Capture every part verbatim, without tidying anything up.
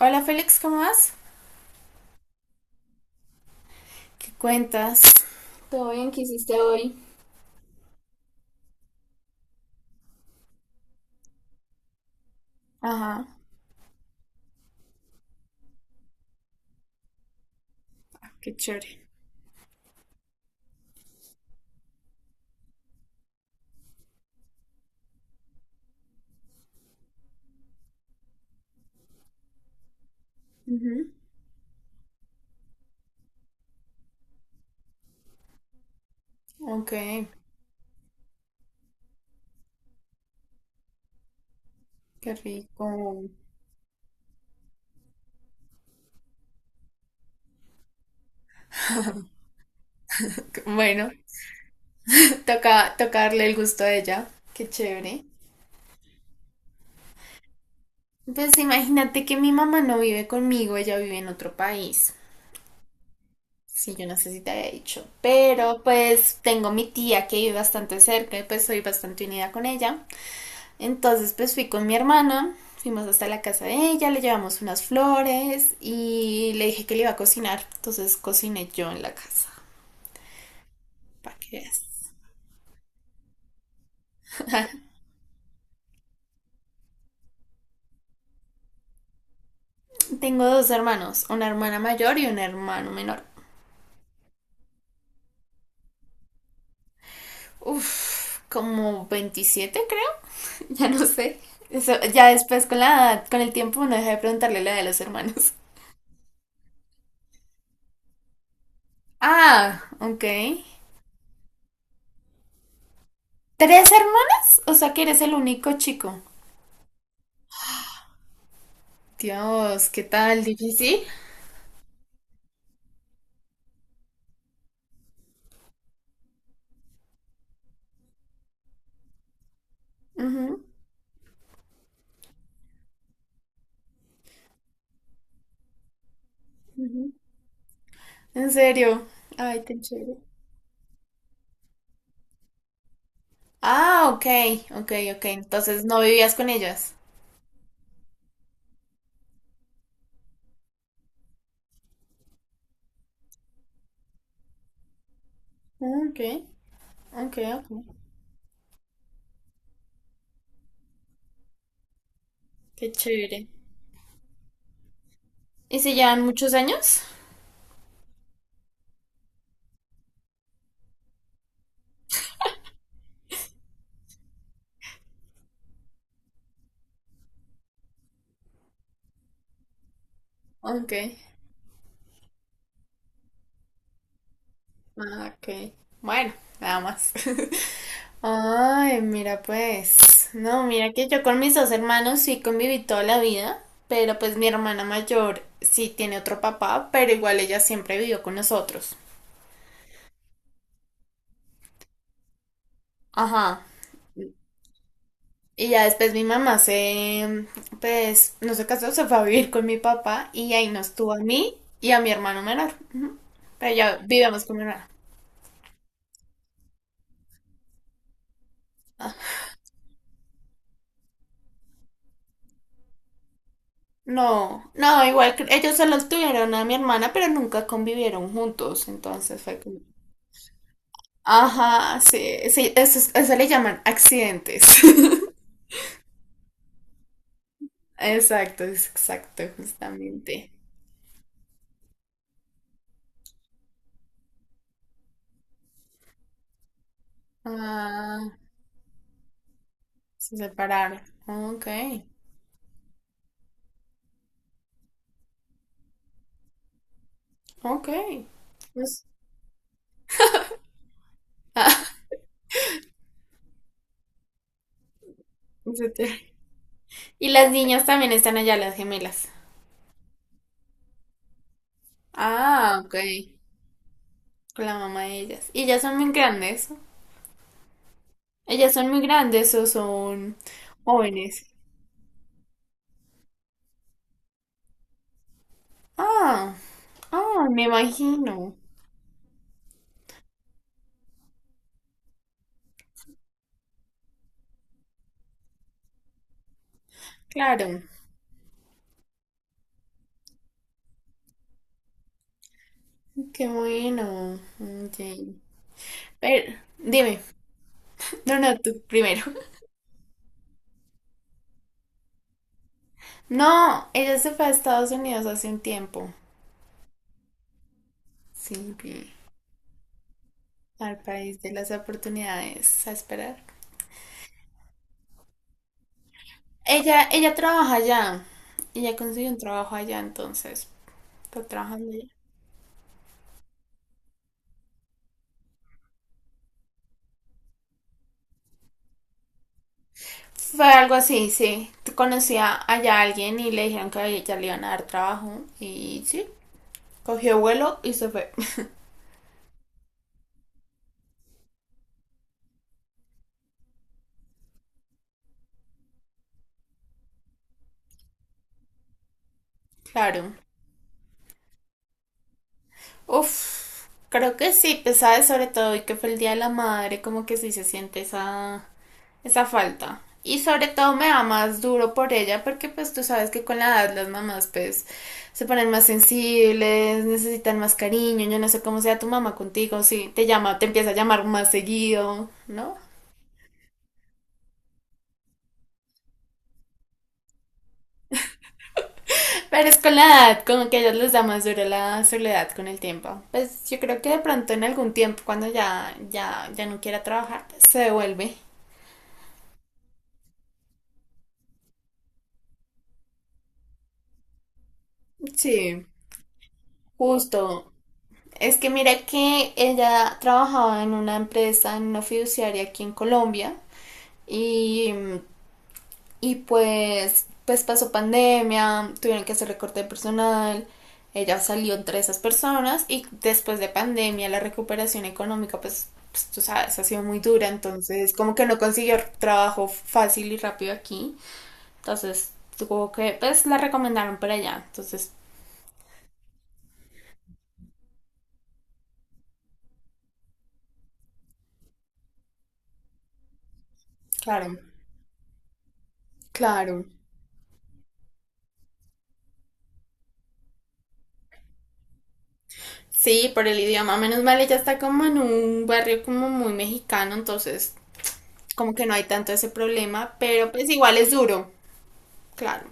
Hola Félix, ¿cómo vas? ¿Qué cuentas? Ajá, qué chévere. Ujú, ok, qué rico. Qué- Bueno, toca, toca darle el gusto a ella. Qué chévere. Pues imagínate que mi mamá no vive conmigo, ella vive en otro país. Sí, yo no sé si te había dicho. Pero pues tengo mi tía que vive bastante cerca y pues soy bastante unida con ella. Entonces pues fui con mi hermana, fuimos hasta la casa de ella, le llevamos unas flores y le dije que le iba a cocinar. Entonces cociné yo en la casa, para que veas. Tengo dos hermanos, una hermana mayor y un hermano menor. Uf, como veintisiete, creo, ya no sé. Eso, ya después con la con el tiempo no dejé de preguntarle la edad de los hermanos. Ah, ok. ¿Tres hermanas? O sea que eres el único chico. Dios, ¿qué tal? Difícil. Ujú, ujú. ¿En serio? Ay, tan chévere. Ah, ok, ok, ok. Entonces no vivías con ellas. Ah, ok, ok, ok. Qué chévere. ¿Y si llevan muchos años? Ok, ah, ok. Bueno, nada más. Ay, mira pues. No, mira que yo con mis dos hermanos sí conviví toda la vida, pero pues mi hermana mayor sí tiene otro papá, pero igual ella siempre vivió con nosotros. Ajá. Y ya después mi mamá se, pues, no se casó, se fue a vivir con mi papá y ahí nos tuvo a mí y a mi hermano menor. Ujú. Pero ya vivíamos con mi hermana. No, no, igual que- ellos solo tuvieron a mi hermana, pero nunca convivieron juntos, entonces fue como... Ajá, sí, sí, eso, es- eso le llaman accidentes. Exacto, es- exacto, justamente. Ah, se separaron. Ok, ok. Pues, se te- y las niñas también están allá, las gemelas. Ah, ok. Con la mamá de ellas. Y ellas son muy grandes. ¿Ellas son muy grandes o son jóvenes? Ah, ah, me imagino. Claro, qué bueno. Ok. Pero, dime, no, no, tú primero. No, ella se fue a Estados Unidos hace un tiempo. Sí, vi, al país de las oportunidades, a esperar. Ella, ella trabaja allá. Ella consiguió un trabajo allá, entonces. Está trabajando ya. Fue algo así, sí. Conocía allá a alguien y le dijeron que a ella le iban a dar trabajo y sí, cogió vuelo y se fue. Claro. Uf, creo que sí, pesada sobre todo, y que fue el Día de la Madre, como que sí se siente esa, esa falta. Y sobre todo me da más duro por ella porque pues tú sabes que con la edad las mamás pues se ponen más sensibles, necesitan más cariño, yo no sé cómo sea tu mamá contigo, si te llama, te empieza a llamar más seguido, ¿no? Pero es con la edad, como que a ellos les da más duro la soledad con el tiempo. Pues yo creo que de pronto en algún tiempo, cuando ya, ya, ya no quiera trabajar, pues se devuelve. Sí. Justo. Es que mira que ella trabajaba en una empresa, en una fiduciaria aquí en Colombia, y mm, Y pues, pues pasó pandemia, tuvieron que hacer recorte de personal, ella salió entre esas personas y después de pandemia la recuperación económica, pues, pues tú sabes, ha sido muy dura, entonces como que no consiguió trabajo fácil y rápido aquí, entonces tuvo que, pues la recomendaron para allá, entonces claro, claro. Sí, por el idioma, menos mal ella está como en un barrio como muy mexicano, entonces como que no hay tanto ese problema, pero pues igual es duro, claro.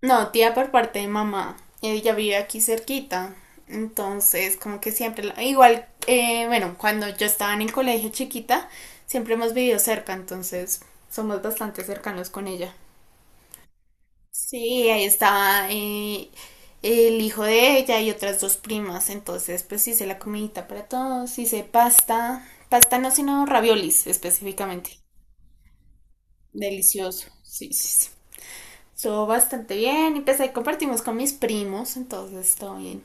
No, tía por parte de mamá. Ella vive aquí cerquita. Entonces, como que siempre, la- igual, eh, bueno, cuando yo estaba en el colegio chiquita, siempre hemos vivido cerca, entonces somos bastante cercanos con ella. Sí, ahí estaba, eh, el hijo de ella y otras dos primas, entonces pues hice la comidita para todos, hice pasta, pasta no, sino raviolis específicamente. Delicioso, sí, sí, sí. Estuvo bastante bien, empecé y compartimos con mis primos, entonces todo bien.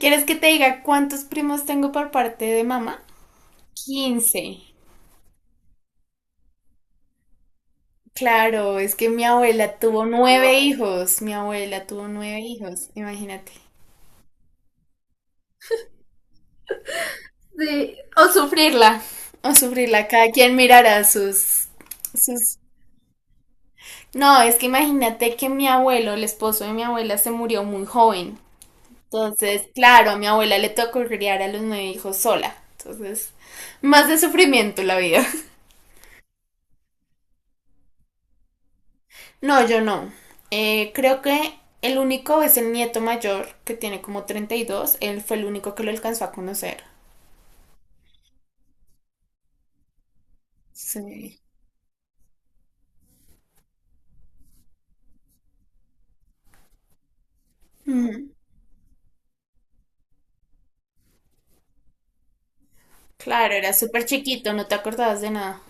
¿Quieres que te diga cuántos primos tengo por parte de mamá? Quince. Claro, es que mi abuela tuvo nueve hijos, mi abuela tuvo nueve hijos, imagínate. Sí. O sufrirla, o sufrirla, cada quien mirará sus, sus... No, es que imagínate que mi abuelo, el esposo de mi abuela, se murió muy joven. Entonces, claro, a mi abuela le tocó criar a los nueve hijos sola. Entonces, más de sufrimiento la vida. No, yo no. Eh, creo que el único es el nieto mayor, que tiene como treinta y dos. Él fue el único que lo alcanzó a conocer. Sí. Ujú. Claro, era súper chiquito, no te acordabas de nada.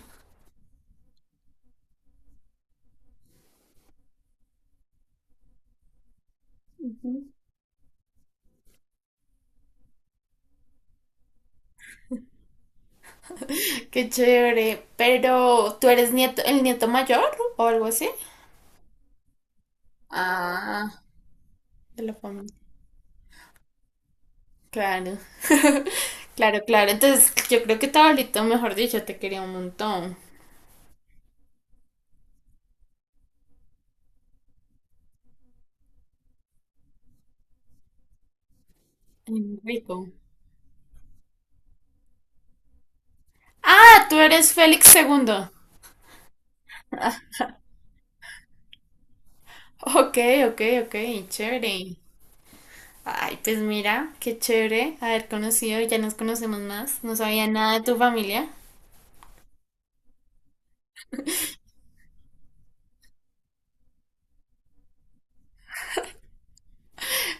Ujú. Qué chévere. Pero, ¿tú eres nieto, el nieto mayor o algo así? Ah, de la familia. Claro. Claro, claro. Entonces, yo creo que tu abuelito, mejor dicho, te quería un montón. Rico. Ah, ¿tú eres Félix segundo? Ah, ok, ok, ok, chévere. Ay, pues mira, qué chévere haber conocido, ya nos conocemos más. No sabía nada de tu familia.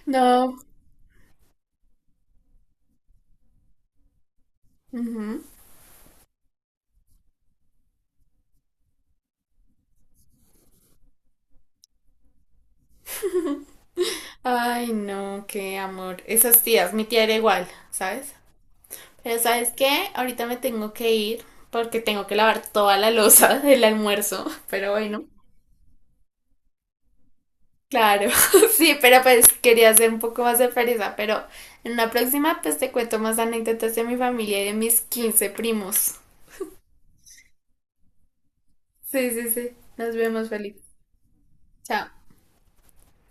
No. Ujú. Ay, no, qué amor. Esas tías, mi tía era igual, ¿sabes? Pero ¿sabes qué? Ahorita me tengo que ir porque tengo que lavar toda la loza del almuerzo. Pero bueno, claro, sí, pero pues quería ser un poco más sorpresa, pero en una próxima pues te cuento más anécdotas de mi familia y de mis quince primos. Sí, sí, sí. Nos vemos, Felipe. Chao.